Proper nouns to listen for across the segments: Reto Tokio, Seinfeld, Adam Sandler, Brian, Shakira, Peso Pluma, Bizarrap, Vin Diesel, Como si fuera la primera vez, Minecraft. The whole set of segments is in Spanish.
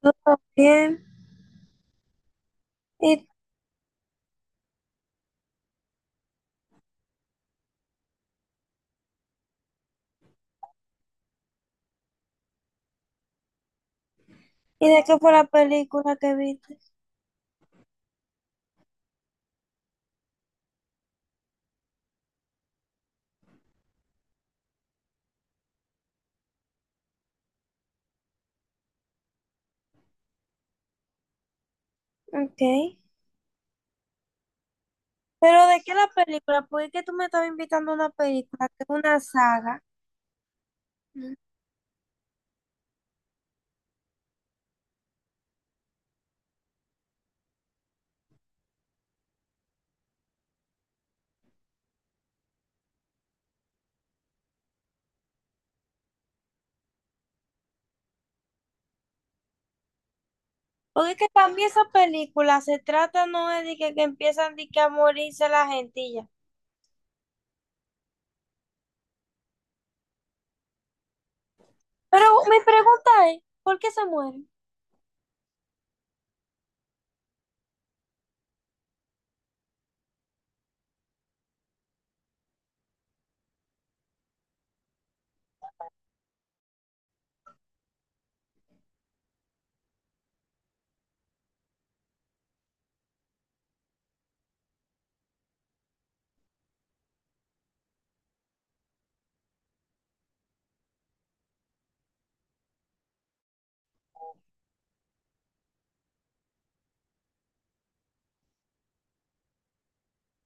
Todo bien. ¿Y, y de qué fue la película que viste? Ok. ¿Pero de qué la película? Porque es que tú me estabas invitando a una película, que es una saga. Mm. Porque es que también esa película se trata, no es de que empiezan de que a morirse la gente y ya. Pero mi pregunta es, ¿por qué se mueren?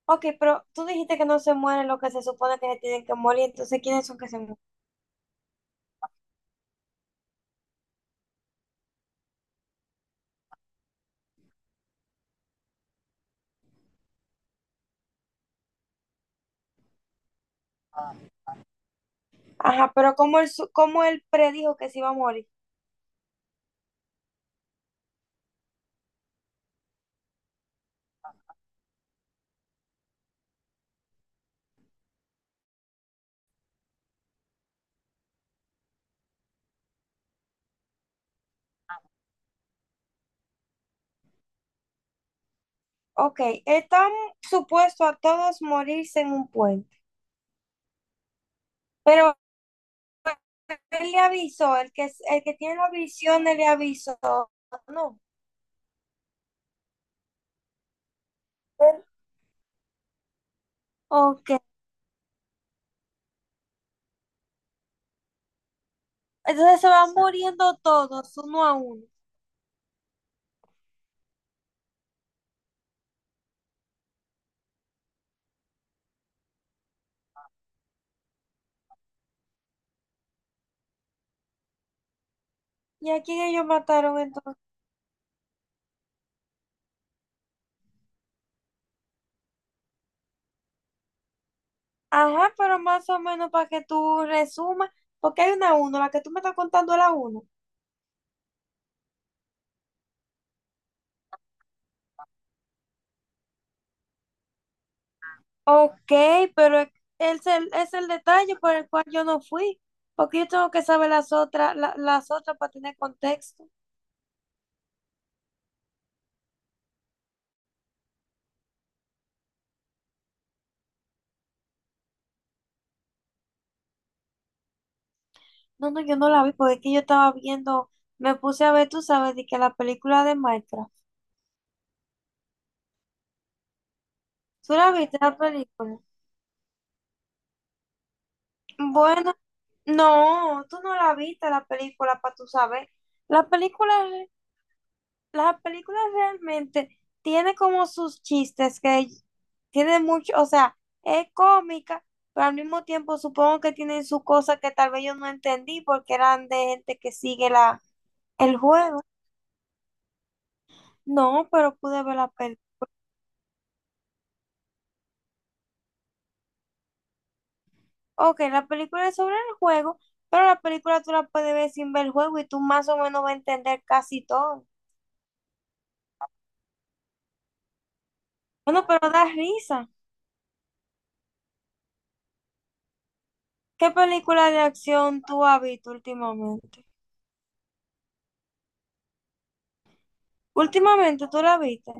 Ok, pero tú dijiste que no se mueren los que se supone que se tienen que morir, entonces ¿quiénes son que se mueren? Ajá, pero como él, como él predijo que se iba a morir. Ok, están supuestos a todos morirse en un puente, pero él le avisó, el que tiene la visión él le avisó, no. Él- Ok, entonces se van muriendo todos, uno a uno. ¿Y a quién ellos mataron entonces? Ajá, pero más o menos para que tú resumas, porque hay una uno, la que tú me estás contando es la uno. Ok, pero es el detalle por el cual yo no fui, porque yo tengo que saber las otras, las otras para tener contexto. No, no, yo no la vi porque es que yo estaba viendo, me puse a ver, tú sabes, de que la película de Minecraft. ¿Tú la viste la película? Bueno, no, tú no la viste la película para tú saber. La película, las películas realmente tiene como sus chistes que tiene mucho, o sea, es cómica, pero al mismo tiempo supongo que tienen sus cosas que tal vez yo no entendí porque eran de gente que sigue la, el juego. No, pero pude ver la película. Ok, la película es sobre el juego, pero la película tú la puedes ver sin ver el juego y tú más o menos vas a entender casi todo. Bueno, pero da risa. ¿Qué película de acción tú has visto últimamente? Últimamente tú la viste.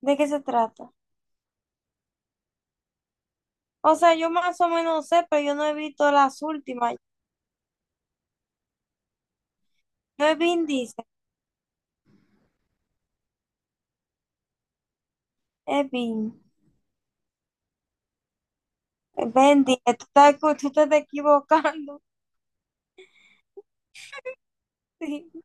¿De qué se trata? O sea, yo más o menos sé, pero yo no he visto las últimas. No es Vin Diesel, es Vin. Vin Diesel, tú estás, tú te estás equivocando. Sí,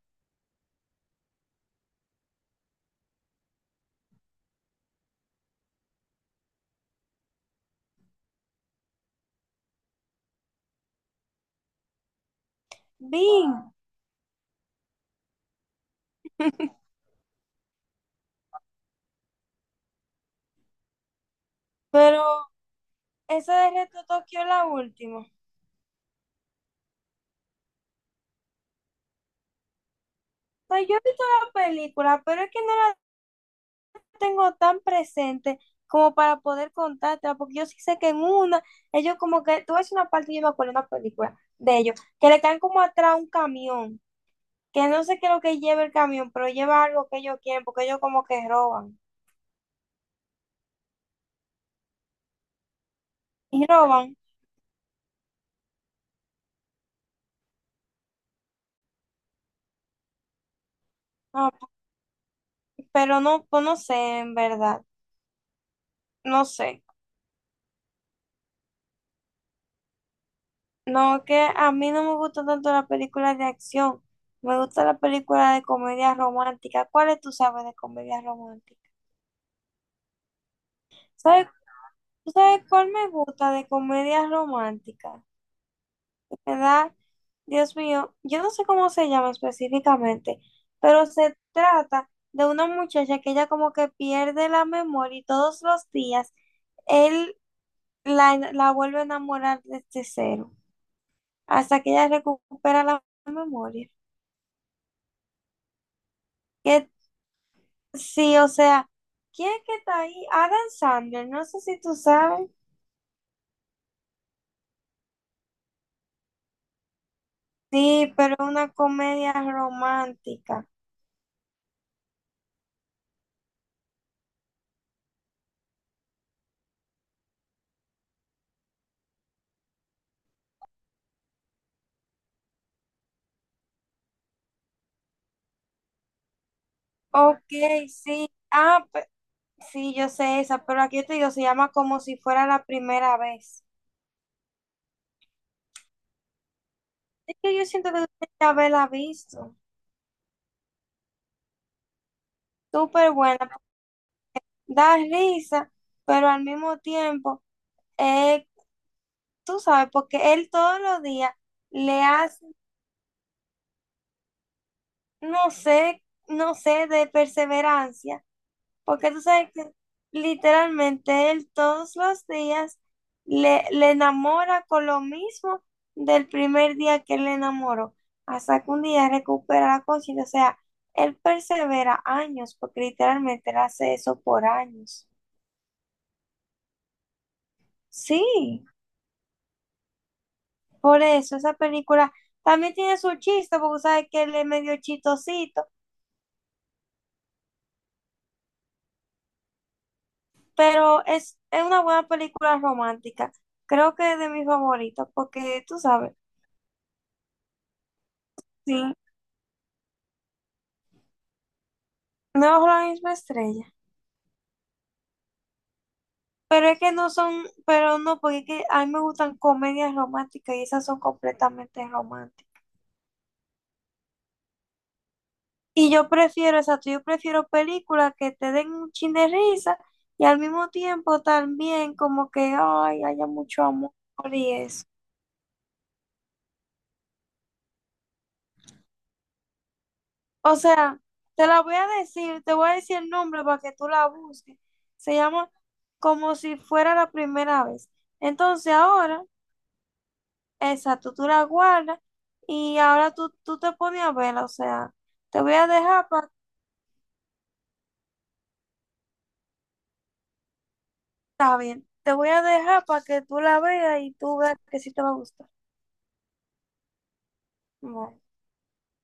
Vin, pero esa de Reto Tokio es la última. O sea, yo he visto la película, pero es que no la tengo tan presente como para poder contártela, porque yo sí sé que en una, ellos como que, tú ves una parte, yo me acuerdo de una película de ellos, que le caen como atrás a un camión, que no sé qué es lo que lleva el camión, pero lleva algo que ellos quieren, porque ellos como que roban. Y roban, ah, pero no, pues no sé, en verdad, no sé. No, que a mí no me gusta tanto las películas de acción, me gusta la película de comedia romántica. ¿Cuáles tú sabes de comedia romántica? ¿Sabes, tú sabes cuál me gusta de comedia romántica? ¿Verdad? Dios mío, yo no sé cómo se llama específicamente, pero se trata de una muchacha que ella como que pierde la memoria y todos los días él la vuelve a enamorar desde cero, hasta que ella recupera la memoria. Que sí, o sea, ¿quién es que está ahí? Adam Sandler, no sé si tú sabes. Sí, pero una comedia romántica. Ok, sí. Ah, sí, yo sé esa, pero aquí te digo, se llama Como si fuera la primera vez. Es que yo siento que tú tienes que haberla visto. Súper buena. Da risa, pero al mismo tiempo, eh, tú sabes, porque él todos los días le hace, no sé, no sé, de perseverancia. Porque tú sabes que literalmente él todos los días le enamora con lo mismo del primer día que él le enamoró, hasta que un día recupera la conciencia. O sea, él persevera años, porque literalmente él hace eso por años. Sí, por eso esa película también tiene su chiste, porque sabes que él es medio chistosito, pero es una buena película romántica. Creo que es de mis favoritos, porque tú sabes, sí. No, bajo la misma estrella. Pero es que no son, pero no, porque es que a mí me gustan comedias románticas y esas son completamente románticas. Y yo prefiero, exacto, yo prefiero películas que te den un chin de risa y al mismo tiempo también como que, ay, haya mucho amor y eso. O sea, te la voy a decir, te voy a decir el nombre para que tú la busques. Se llama Como si fuera la primera vez. Entonces ahora... Exacto, tú la guardas y ahora tú te pones a verla, o sea, te voy a dejar para, está bien, te voy a dejar para que tú la veas y tú veas que sí te va a gustar. Bueno.